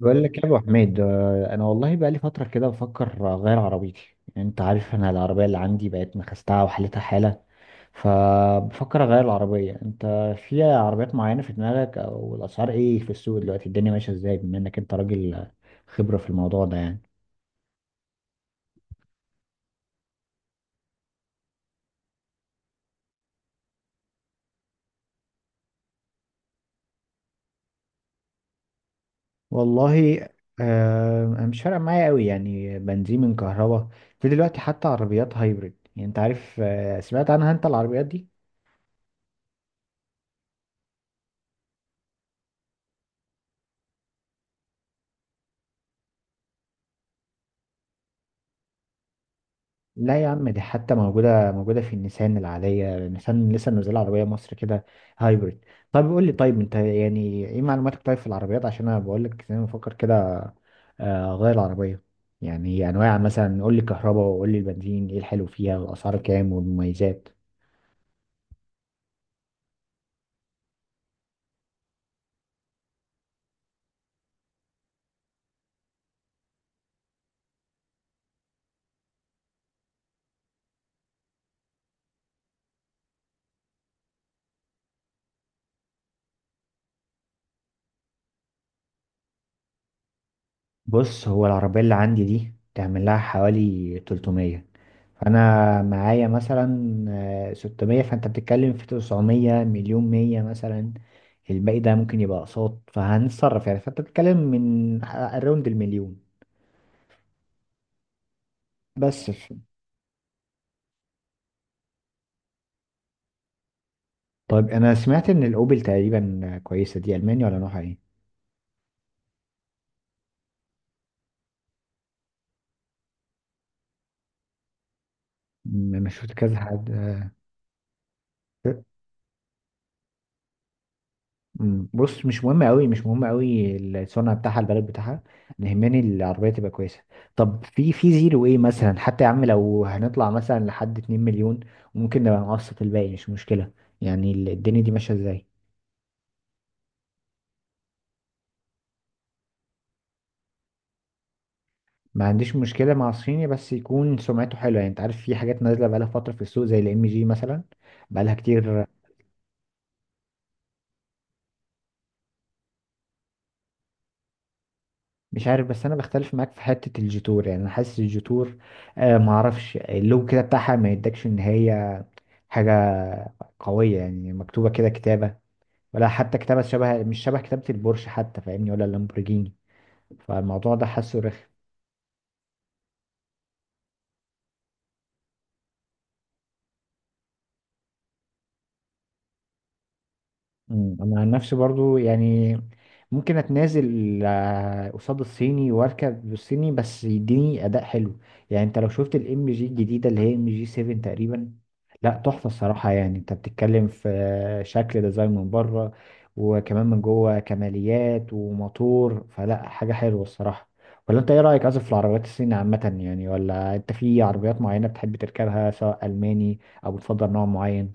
بقول لك يا ابو حميد انا والله بقى لي فتره كده بفكر اغير عربيتي. يعني انت عارف انا العربيه اللي عندي بقت نخستها وحالتها حاله، فبفكر اغير العربيه. انت في عربيات معينه في دماغك، او الاسعار ايه في السوق دلوقتي، الدنيا ماشيه ازاي، بما انك انت راجل خبره في الموضوع ده يعني. والله آه مش فارقه معايا قوي يعني، بنزين من كهرباء. في دلوقتي حتى عربيات هايبريد، يعني انت عارف سمعت عنها انت العربيات دي؟ لا يا عم دي حتى موجودة موجودة في النيسان العادية. النيسان لسه منزلة عربية مصر كده هايبريد. طيب قول لي، طيب انت يعني ايه معلوماتك طيب في العربيات، عشان انا بقول لك انا بفكر كده اغير العربية. يعني انواع، مثلا قول لي الكهرباء وقول لي البنزين، ايه الحلو فيها والاسعار كام والمميزات. بص هو العربية اللي عندي دي تعمل لها حوالي 300، فانا معايا مثلا 600، فانت بتتكلم في 900 مليون 100 مثلا. الباقي ده ممكن يبقى اقساط فهنتصرف يعني، فانت بتتكلم من اراوند المليون. بس ف- طيب انا سمعت ان الاوبل تقريبا كويسه دي، المانيا ولا نوعها ايه؟ انا شفت كذا حد. بص مش مهم قوي، مش مهم قوي الصنع بتاعها البلد بتاعها. اللي يهمني العربيه تبقى كويسه. طب في في زيرو ايه مثلا، حتى يا عم لو هنطلع مثلا لحد 2 مليون ممكن نبقى نقسط الباقي مش مشكله، يعني الدنيا دي ماشيه ازاي؟ ما عنديش مشكله مع الصيني بس يكون سمعته حلوه، يعني انت عارف في حاجات نازله بقالها فتره في السوق زي الام جي مثلا، بقالها كتير. مش عارف بس انا بختلف معاك في حته الجيتور، يعني انا حاسس الجيتور آه معرفش، اللوجو كده بتاعها ما يدكش ان هي حاجة قوية يعني، مكتوبة كده كتابة، ولا حتى كتابة شبه مش شبه كتابة البورش حتى فاهمني، ولا اللامبورجيني. فالموضوع ده حاسه رخم. انا عن نفسي برضو يعني ممكن اتنازل قصاد الصيني واركب بالصيني بس يديني اداء حلو. يعني انت لو شفت الام جي الجديده اللي هي ام جي 7 تقريبا، لا تحفه الصراحه. يعني انت بتتكلم في شكل ديزاين من بره، وكمان من جوه كماليات وموتور، فلا حاجه حلوه الصراحه. ولا انت ايه رايك اصلا في العربيات الصينية عامه يعني، ولا انت في عربيات معينه بتحب تركبها سواء الماني او بتفضل نوع معين؟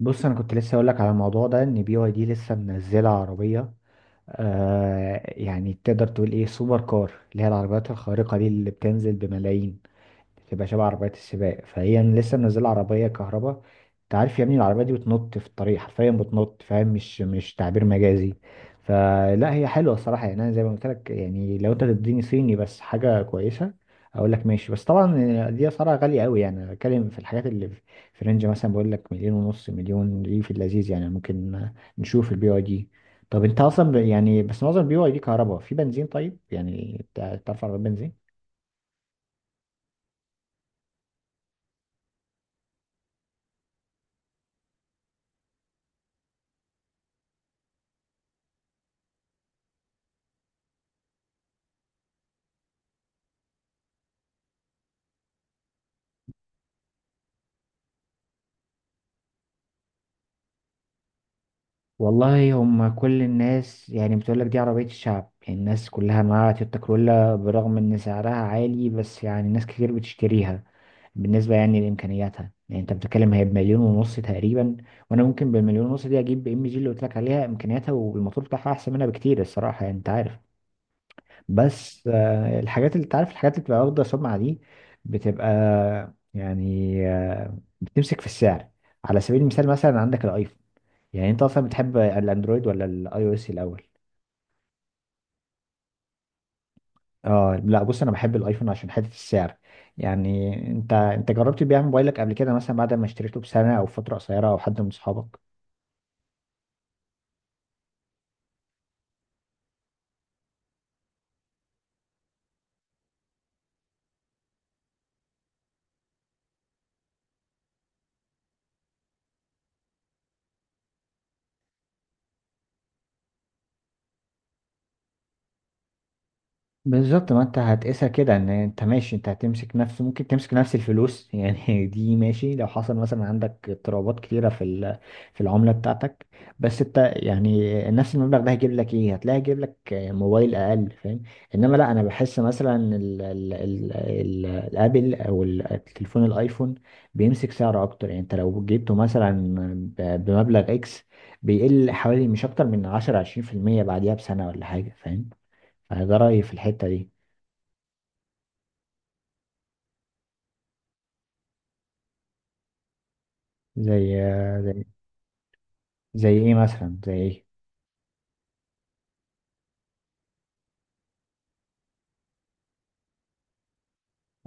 بص انا كنت لسه اقول لك على الموضوع ده ان بي واي دي لسه منزله عربيه آه، يعني تقدر تقول ايه، سوبر كار اللي هي العربيات الخارقه دي اللي بتنزل بملايين، بتبقى شبه عربيات السباق، فهي لسه منزله عربيه كهرباء. انت عارف يا ابني العربيه دي بتنط في الطريق، حرفيا بتنط فاهم، مش تعبير مجازي. فلا هي حلوه الصراحه. يعني انا زي ما قلت لك يعني، لو انت تديني صيني بس حاجه كويسه اقول لك ماشي، بس طبعا دي اسعارها غاليه قوي. يعني أنا بتكلم في الحاجات اللي في في رينج مثلا، بقول لك مليون ونص مليون دي في اللذيذ، يعني ممكن نشوف البي واي دي. طب انت اصلا يعني بس معظم البي واي دي كهرباء في بنزين، طيب يعني تعرف عربيه بنزين؟ والله هم كل الناس يعني بتقولك دي عربية الشعب، يعني الناس كلها معاها تويوتا كرولا برغم ان سعرها عالي، بس يعني ناس كتير بتشتريها. بالنسبة يعني لإمكانياتها، يعني انت بتتكلم هي بمليون ونص تقريبا، وانا ممكن بالمليون ونص دي اجيب ام جي اللي قلت لك عليها، امكانياتها والموتور بتاعها احسن منها بكتير الصراحة، يعني انت عارف بس الحاجات اللي انت عارف الحاجات اللي بتبقى واخدة سمعة دي بتبقى يعني بتمسك في السعر. على سبيل المثال مثلا عندك الايفون. يعني انت اصلا بتحب الاندرويد ولا الاي او اس الاول؟ اه لا بص انا بحب الايفون عشان حته السعر. يعني انت انت جربت تبيع موبايلك قبل كده مثلا بعد ما اشتريته بسنه او فتره قصيره، او حد من اصحابك؟ بالظبط، ما انت هتقيسها كده ان انت ماشي، انت هتمسك نفس ممكن تمسك نفس الفلوس يعني دي ماشي، لو حصل مثلا عندك اضطرابات كتيرة في في العملة بتاعتك. بس انت يعني نفس المبلغ ده هيجيب لك ايه؟ هتلاقي هيجيب لك موبايل اقل فاهم. انما لا، انا بحس مثلا ال ال ال ال الابل او التليفون الايفون بيمسك سعر اكتر. يعني انت لو جبته مثلا بمبلغ اكس، بيقل حوالي مش اكتر من 10 20% بعديها بسنة ولا حاجة فاهم. فده رأيي في الحتة دي. زي زي زي ايه مثلا؟ زي ايه؟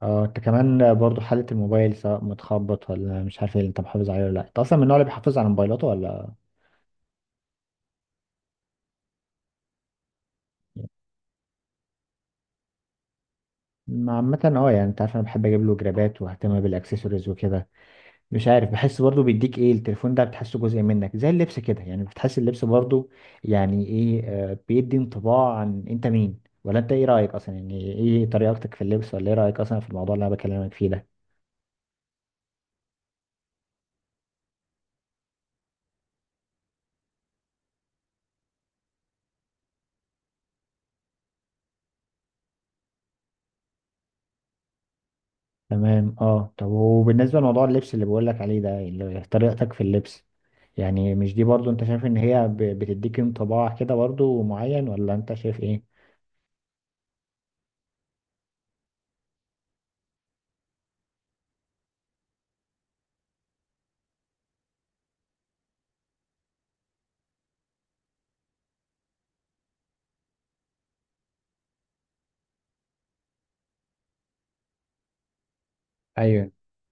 اه انت كمان برضو حالة الموبايل سواء متخبط ولا مش عارف ايه، اللي انت محافظ عليه ولا لا، انت اصلا من النوع اللي بيحافظ على موبايلاته ولا يعني؟ ما عامة اه، يعني انت عارف انا بحب اجيب له جرابات واهتم بالاكسسوارز وكده، مش عارف بحس برضو بيديك ايه التليفون ده، بتحسه جزء منك زي اللبس كده. يعني بتحس اللبس برضو يعني ايه، بيدي انطباع عن انت مين، ولا انت ايه رأيك اصلا يعني ايه طريقتك في اللبس، ولا ايه رأيك اصلا في الموضوع اللي انا بكلمك فيه ده؟ تمام اه، طب وبالنسبة لموضوع اللبس اللي بقولك عليه ده، طريقتك في اللبس، يعني مش دي برضو انت شايف ان هي بتديك انطباع كده برضو معين، ولا انت شايف ايه؟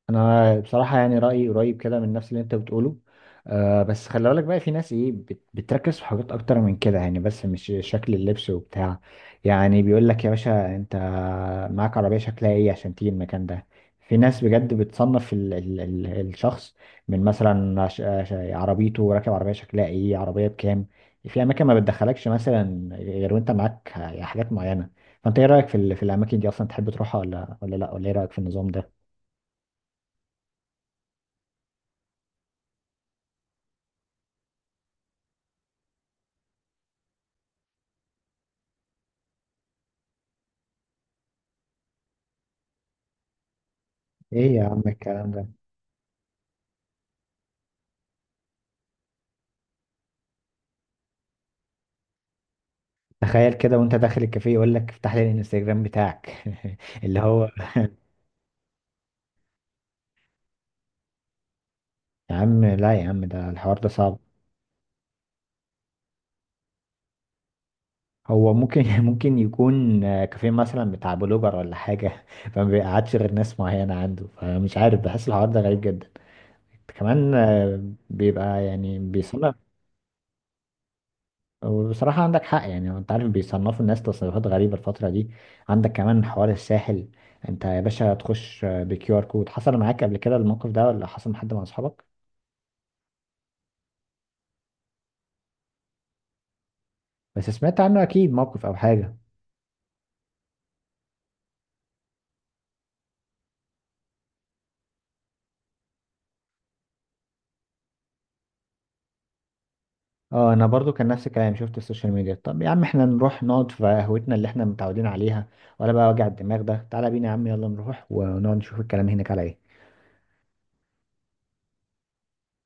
انا بصراحه يعني رايي قريب كده من نفس اللي انت بتقوله آه، بس خلي بالك بقى في ناس ايه بتركز في حاجات اكتر من كده يعني، بس مش شكل اللبس وبتاع. يعني بيقول لك يا باشا انت معاك عربيه شكلها ايه عشان تيجي المكان ده. في ناس بجد بتصنف ال ال ال الشخص من مثلا عربيته، راكب عربيه شكلها ايه، عربيه بكام. في اماكن ما بتدخلكش مثلا غير وانت معاك حاجات معينه، فانت ايه رايك في في الاماكن دي اصلا، تحب تروحها، ولا لا، ولا ايه رايك في النظام ده؟ ايه يا عم الكلام ده؟ تخيل كده وانت داخل الكافيه يقول لك افتح لي الانستجرام بتاعك اللي هو يا عم لا يا عم، ده الحوار ده صعب. هو ممكن ممكن يكون كافيه مثلا بتاع بلوجر ولا حاجة فما بيقعدش غير ناس معينة عنده، فمش عارف بحس الحوار ده غريب جدا. كمان بيبقى يعني بيصنف. وبصراحة عندك حق، يعني انت عارف بيصنفوا الناس تصنيفات غريبة الفترة دي. عندك كمان حوار الساحل، انت يا باشا تخش بكيو ار كود، حصل معاك قبل كده الموقف ده، ولا حصل مع حد من اصحابك بس سمعت عنه اكيد موقف او حاجه؟ اه انا برضو كان نفس الكلام، شفت السوشيال ميديا. طب يا عم احنا نروح نقعد في قهوتنا اللي احنا متعودين عليها، ولا بقى وجع الدماغ ده؟ تعالى بينا يا عم، يلا نروح ونقعد نشوف الكلام هناك على ايه.